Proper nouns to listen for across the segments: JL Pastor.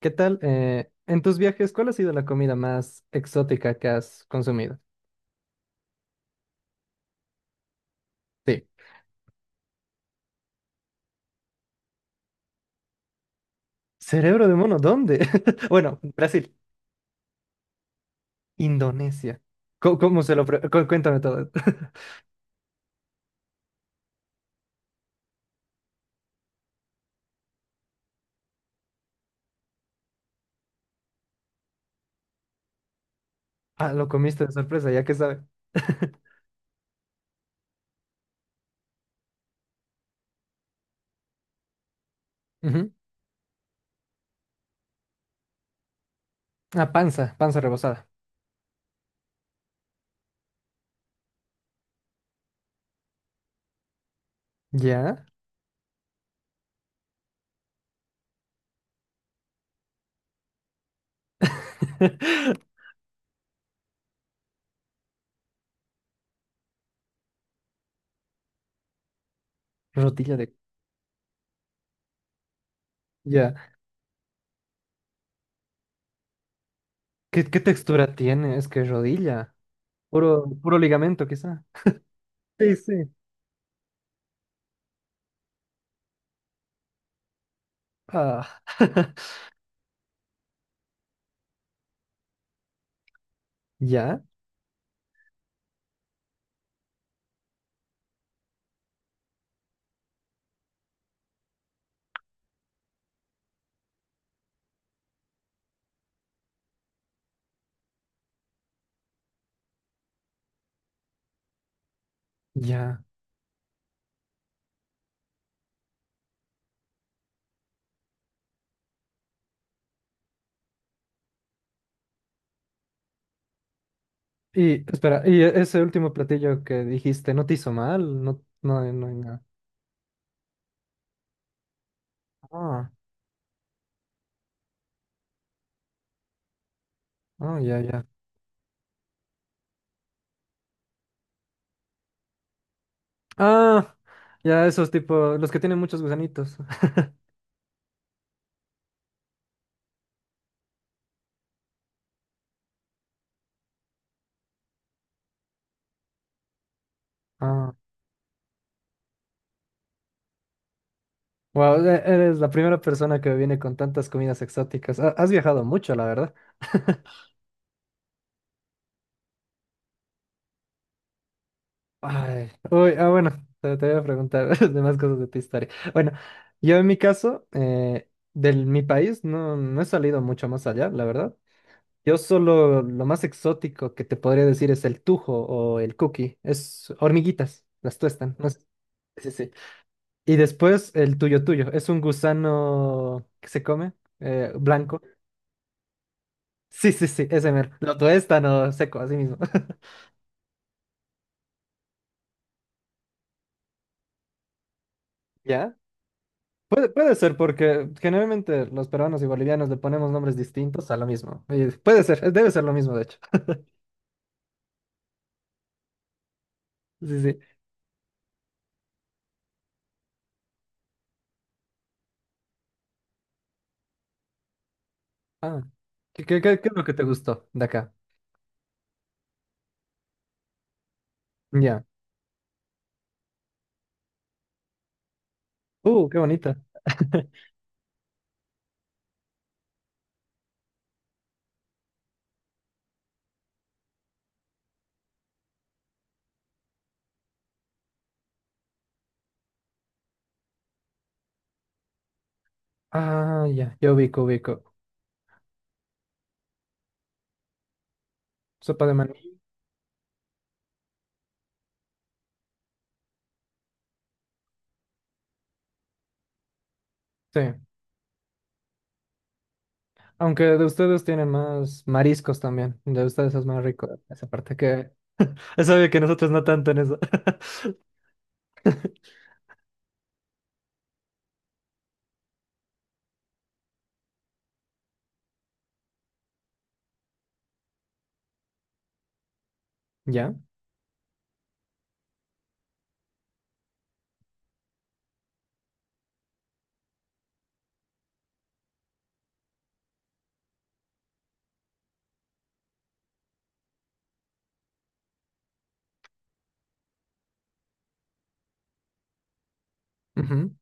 ¿Qué tal? En tus viajes, ¿cuál ha sido la comida más exótica que has consumido? Sí. Cerebro de mono, ¿dónde? Bueno, Brasil, Indonesia. ¿Cómo se lo... Cuéntame todo. Ah, lo comiste de sorpresa, ya que sabe. Ujú. Ah, panza rebozada. ¿Ya? Rodilla de... Ya. ¿Qué textura tiene? Es que rodilla. Puro ligamento, quizá. Sí, sí. Ah. ¿Ya? Ya. Y espera, ese último platillo que dijiste, ¿no te hizo mal? No, no, no hay nada. Ah, ah, ya, ya. Ah, ya esos tipo, los que tienen muchos gusanitos. Ah, wow, eres la primera persona que viene con tantas comidas exóticas. Has viajado mucho, la verdad. Ay, uy, ah, bueno, te voy a preguntar demás cosas de tu historia. Bueno, yo en mi caso, del mi país no, no he salido mucho más allá, la verdad. Yo solo lo más exótico que te podría decir es el tujo o el cookie. Es hormiguitas, las tuestan. No sé. Sí, sí. Y después el tuyo tuyo. Es un gusano que se come, blanco. Sí, sí, sí, ese mero. Lo tuestan o seco, así mismo. ¿Ya? Puede ser porque generalmente los peruanos y bolivianos le ponemos nombres distintos a lo mismo. Y puede ser, debe ser lo mismo, de hecho. Sí, sí. Ah, ¿qué es lo que te gustó de acá? Ya. Qué bonita. Ah, ya, yo ubico, ubico. Sopa de maní. Sí. Aunque de ustedes tienen más mariscos también. De ustedes es más rico esa parte que... Es obvio que nosotros no tanto en eso. ¿Ya? Ujú.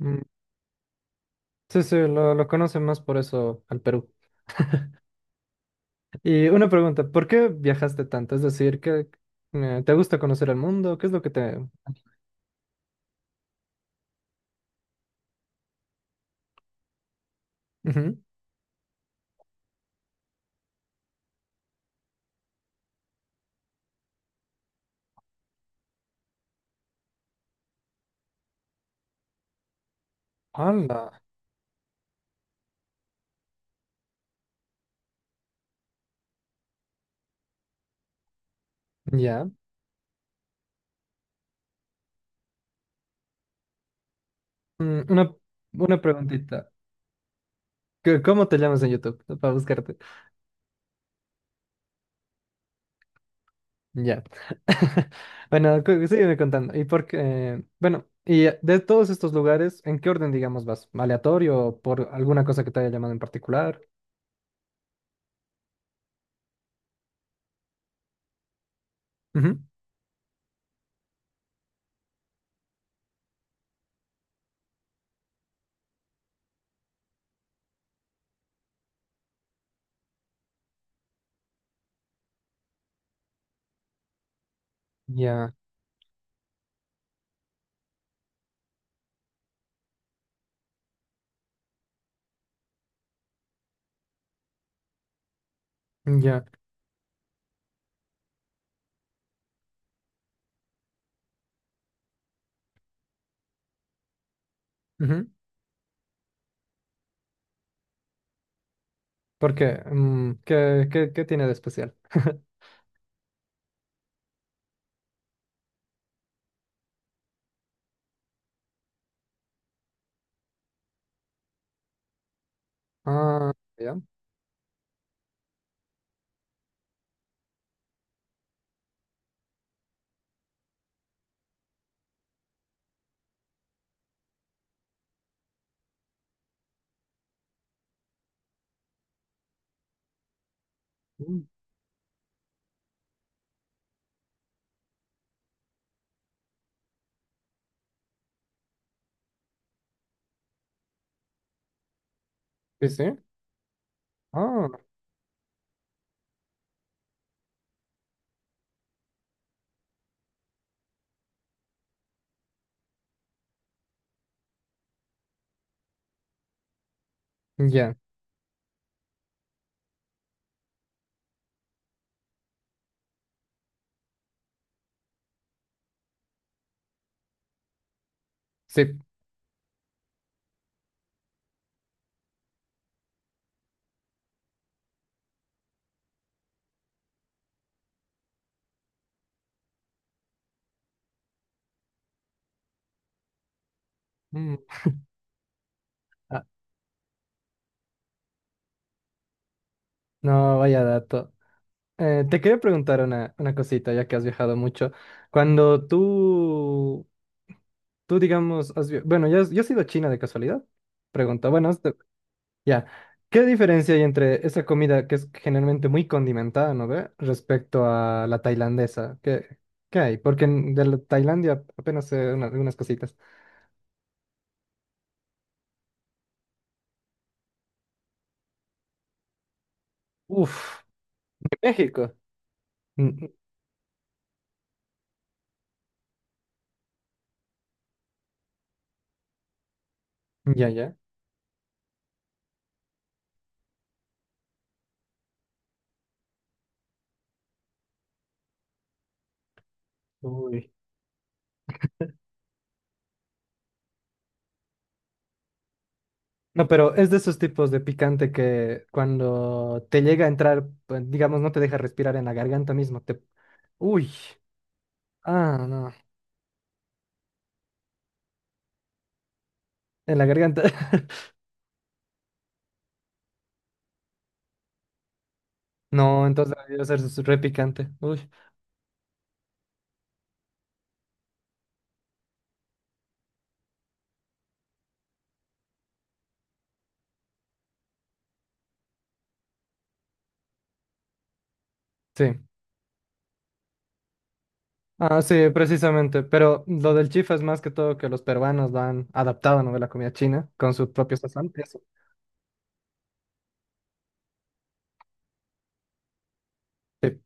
Mm, sí, sí, lo conocen más por eso al Perú. Y una pregunta, ¿por qué viajaste tanto? Es decir, ¿qué, ¿te gusta conocer el mundo? ¿Qué es lo que te... Ujú. Hola. ¿Ya? Mm, una preguntita. ¿Cómo te llamas en YouTube para buscarte? Ya. Bueno, sígueme contando. Bueno, y de todos estos lugares, ¿en qué orden, digamos, vas? ¿Aleatorio o por alguna cosa que te haya llamado en particular? Ujú. Ya, ya. Ujú. ¿Por qué? Mm, ¿qué tiene de especial? Ah, ya. Mm, sí, sí. Ah, ya. Sí. Mm, ah, no, vaya dato. Te quería preguntar una cosita, ya que has viajado mucho. Cuando tú tú, digamos, bueno, ya has ido a China de casualidad? Pregunta, bueno, ya. ¿Qué diferencia hay entre esa comida que es generalmente muy condimentada, ¿no ve? Respecto a la tailandesa. ¿Qué, qué hay? Porque de la Tailandia apenas sé algunas cositas. Uf, México. Mm, ya, ya. Uy. No, pero es de esos tipos de picante que cuando te llega a entrar, pues, digamos, no te deja respirar en la garganta mismo. Te... Uy. Ah, no. En la garganta. No, entonces debió ser re picante. Uy, sí. Ah, sí, precisamente. Pero lo del chifa es más que todo que los peruanos lo han adaptado, ¿no? De la comida china con su propio sazón. Eso. Sí.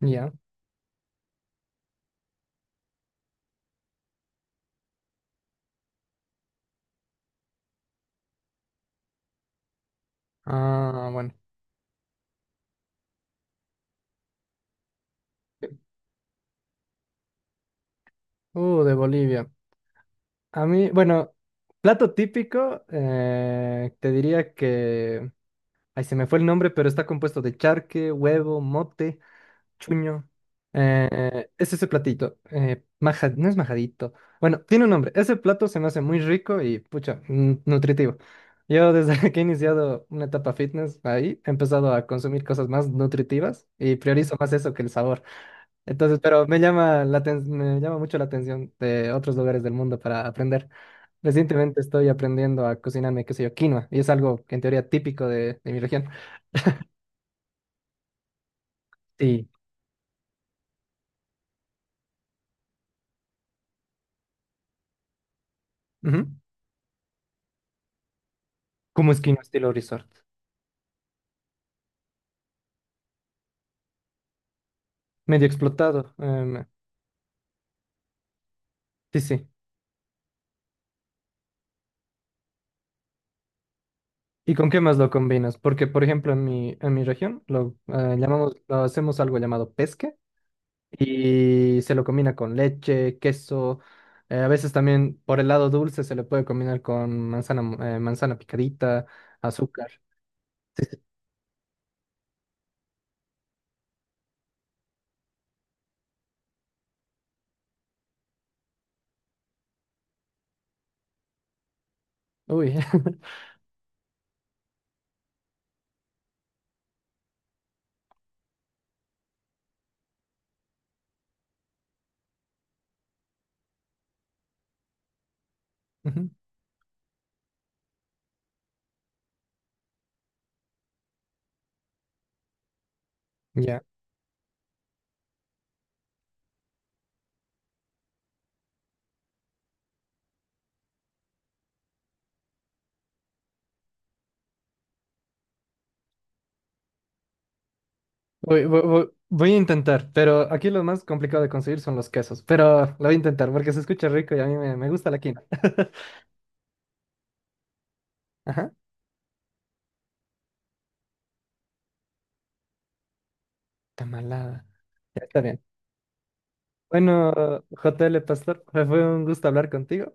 Ya. Ah, bueno. De Bolivia. A mí, bueno, plato típico, te diría que... Ay, se me fue el nombre, pero está compuesto de charque, huevo, mote. Chuño. Es ese platito. No es majadito. Bueno, tiene un nombre. Ese plato se me hace muy rico y, pucha, mm, nutritivo. Yo desde que he iniciado una etapa fitness ahí, he empezado a consumir cosas más nutritivas y priorizo más eso que el sabor. Entonces, pero me llama me llama mucho la atención de otros lugares del mundo para aprender. Recientemente estoy aprendiendo a cocinarme, qué sé yo, quinoa, y es algo que en teoría típico de mi región. Sí. Ujú. ¿Cómo es quinoa estilo resort? Medio explotado. Sí, sí. ¿Y con qué más lo combinas? Porque, por ejemplo, en mi región lo llamamos, lo hacemos algo llamado pesque y se lo combina con leche, queso. A veces también por el lado dulce se le puede combinar con manzana, manzana picadita, azúcar. Uy. Ujú, ya. Voy a intentar, pero aquí lo más complicado de conseguir son los quesos. Pero lo voy a intentar porque se escucha rico y a mí me, me gusta la quina. Ajá. Tamalada. Ya está bien. Bueno, JL Pastor, fue un gusto hablar contigo.